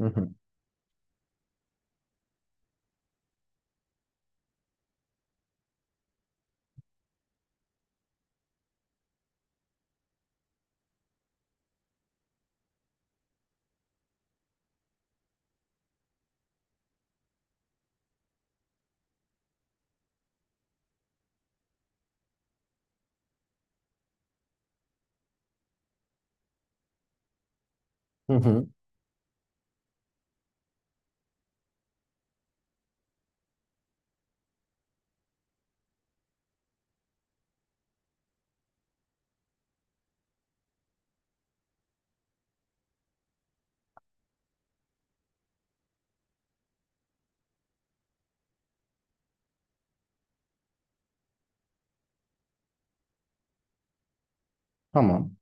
Hı hı. Hı hı. Tamam.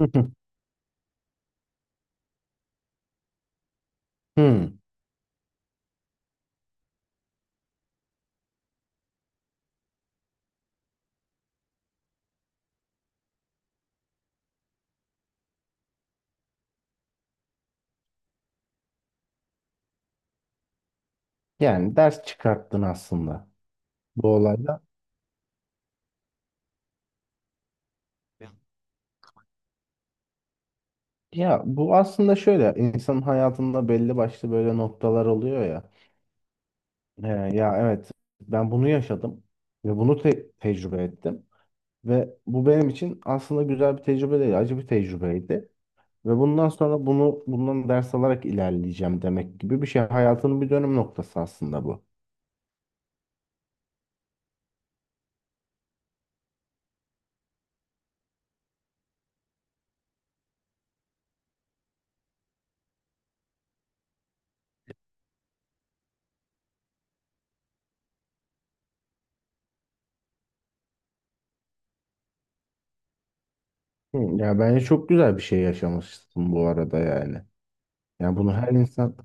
Hı hı. Hı. Yani ders çıkarttın aslında bu olayda. Ya bu aslında şöyle insanın hayatında belli başlı böyle noktalar oluyor ya. Ee, Ya evet, ben bunu yaşadım ve bunu tecrübe ettim. Ve bu benim için aslında güzel bir tecrübe değil, acı bir tecrübeydi. Ve bundan sonra bunu bundan ders alarak ilerleyeceğim demek gibi bir şey. Hayatının bir dönüm noktası aslında bu. Hı, ya bence çok güzel bir şey yaşamışsın bu arada yani. Yani bunu her insan,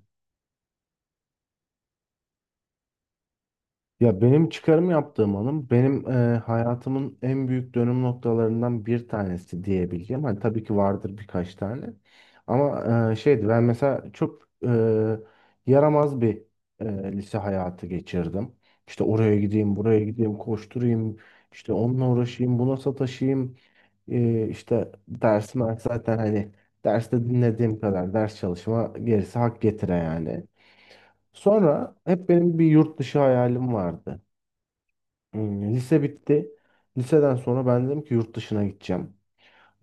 ya benim çıkarım yaptığım hanım benim hayatımın en büyük dönüm noktalarından bir tanesi diyebileceğim. Hani tabii ki vardır birkaç tane. Ama şeydi, ben mesela çok yaramaz bir lise hayatı geçirdim. İşte oraya gideyim, buraya gideyim, koşturayım, işte onunla uğraşayım, buna sataşayım. İşte dersim zaten hani derste dinlediğim kadar ders çalışma, gerisi hak getire yani. Sonra hep benim bir yurt dışı hayalim vardı. Lise bitti. Liseden sonra ben dedim ki yurt dışına gideceğim.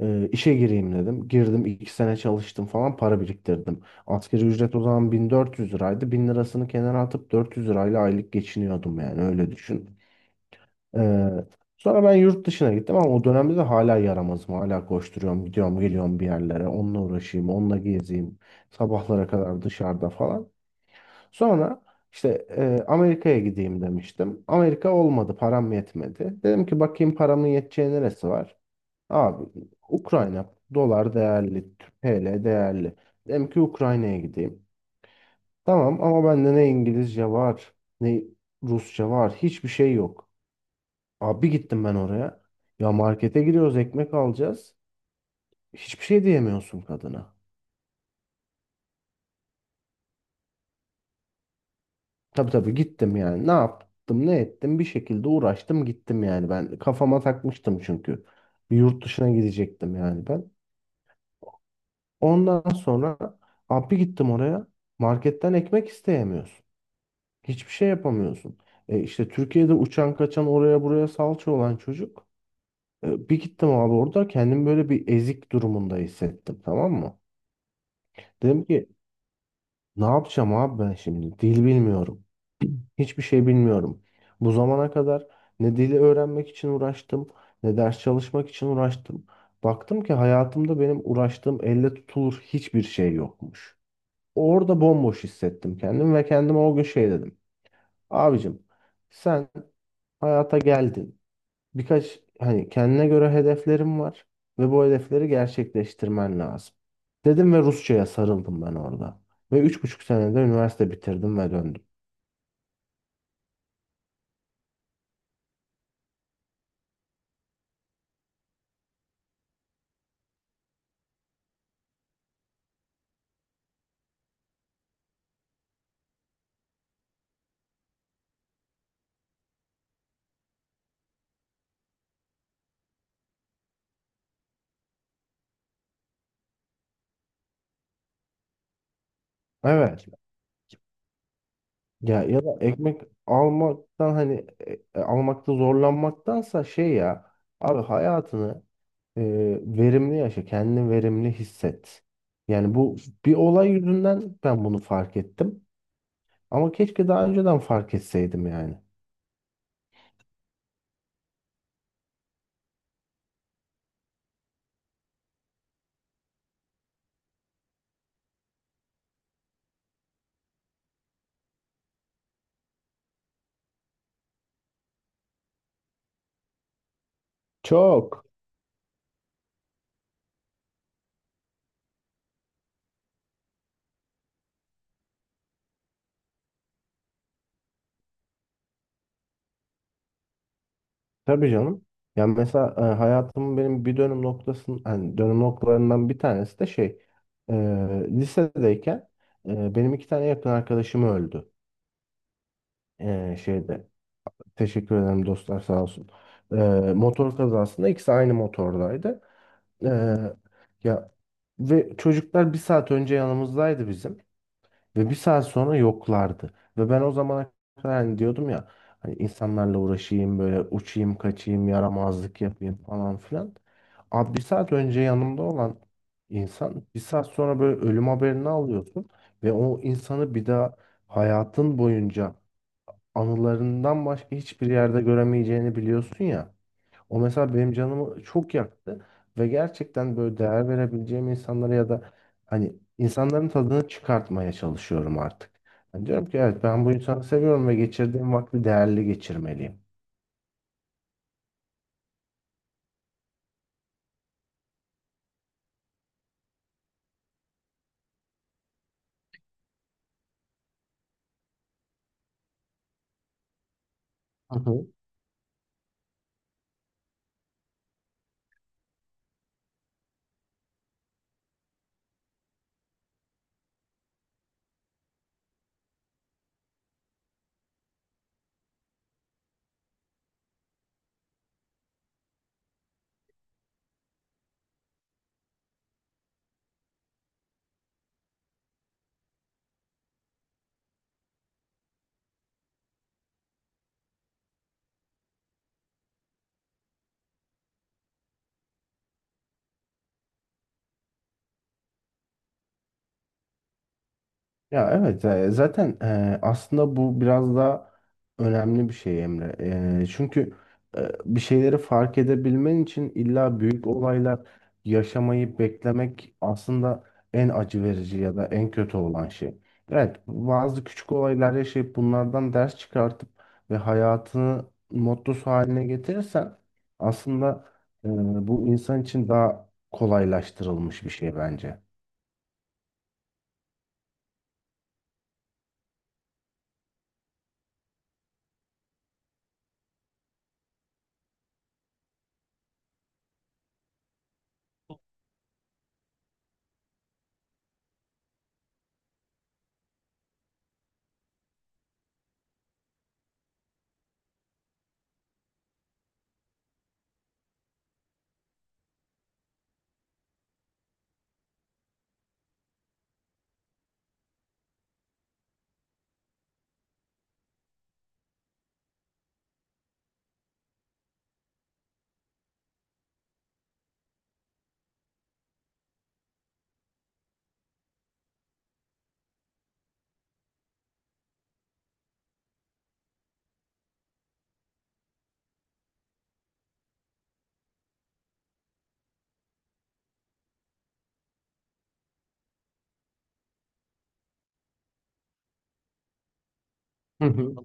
İşe gireyim dedim. Girdim, iki sene çalıştım falan, para biriktirdim. Asgari ücret o zaman 1400 liraydı. 1000 lirasını kenara atıp 400 lirayla aylık geçiniyordum, yani öyle düşün. Ee, Sonra ben yurt dışına gittim ama o dönemde de hala yaramazım. Hala koşturuyorum, gidiyorum geliyorum bir yerlere. Onunla uğraşayım, onunla gezeyim. Sabahlara kadar dışarıda falan. Sonra işte Amerika'ya gideyim demiştim. Amerika olmadı, param yetmedi. Dedim ki bakayım paramın yeteceği neresi var. Abi Ukrayna dolar değerli, TL değerli. Dedim ki Ukrayna'ya gideyim. Tamam ama bende ne İngilizce var, ne Rusça var, hiçbir şey yok. Abi gittim ben oraya. Ya markete giriyoruz, ekmek alacağız. Hiçbir şey diyemiyorsun kadına. Tabii tabii gittim yani. Ne yaptım, ne ettim? Bir şekilde uğraştım, gittim yani ben. Kafama takmıştım çünkü. Bir yurt dışına gidecektim yani ben. Ondan sonra abi gittim oraya. Marketten ekmek isteyemiyorsun. Hiçbir şey yapamıyorsun. E işte Türkiye'de uçan kaçan oraya buraya salça olan çocuk. E bir gittim abi, orada kendimi böyle bir ezik durumunda hissettim, tamam mı? Dedim ki ne yapacağım abi ben şimdi? Dil bilmiyorum. Hiçbir şey bilmiyorum. Bu zamana kadar ne dili öğrenmek için uğraştım, ne ders çalışmak için uğraştım. Baktım ki hayatımda benim uğraştığım elle tutulur hiçbir şey yokmuş. Orada bomboş hissettim kendimi ve kendime o gün şey dedim. Abicim, sen hayata geldin. Birkaç hani kendine göre hedeflerim var ve bu hedefleri gerçekleştirmen lazım. Dedim ve Rusça'ya sarıldım ben orada. Ve üç buçuk senede üniversite bitirdim ve döndüm. Evet. Ya ya da ekmek almaktan, hani almakta zorlanmaktansa, şey ya, abi hayatını e, verimli yaşa, kendini verimli hisset. Yani bu bir olay yüzünden ben bunu fark ettim. Ama keşke daha önceden fark etseydim yani. Çok. Tabii canım. Yani mesela hayatımın benim bir dönüm noktasının, hani dönüm noktalarından bir tanesi de şey, e, lisedeyken benim iki tane yakın arkadaşım öldü. E, şeyde Teşekkür ederim dostlar, sağ olsun. Ee, Motor kazasında ikisi aynı motordaydı. Ee, Ya, ve çocuklar bir saat önce yanımızdaydı bizim ve bir saat sonra yoklardı. Ve ben o zamana kadar hani diyordum ya, hani insanlarla uğraşayım, böyle uçayım kaçayım, yaramazlık yapayım falan filan. Abi bir saat önce yanımda olan insan bir saat sonra böyle ölüm haberini alıyorsun ve o insanı bir daha hayatın boyunca anılarından başka hiçbir yerde göremeyeceğini biliyorsun ya. O mesela benim canımı çok yaktı ve gerçekten böyle değer verebileceğim insanlara ya da hani insanların tadını çıkartmaya çalışıyorum artık. Yani diyorum ki evet, ben bu insanı seviyorum ve geçirdiğim vakti değerli geçirmeliyim. Hı hı. Ya evet, zaten aslında bu biraz da önemli bir şey Emre. Çünkü bir şeyleri fark edebilmen için illa büyük olaylar yaşamayı beklemek aslında en acı verici ya da en kötü olan şey. Evet, bazı küçük olaylar yaşayıp bunlardan ders çıkartıp ve hayatını mottosu haline getirirsen aslında e, bu insan için daha kolaylaştırılmış bir şey bence. Hı hı.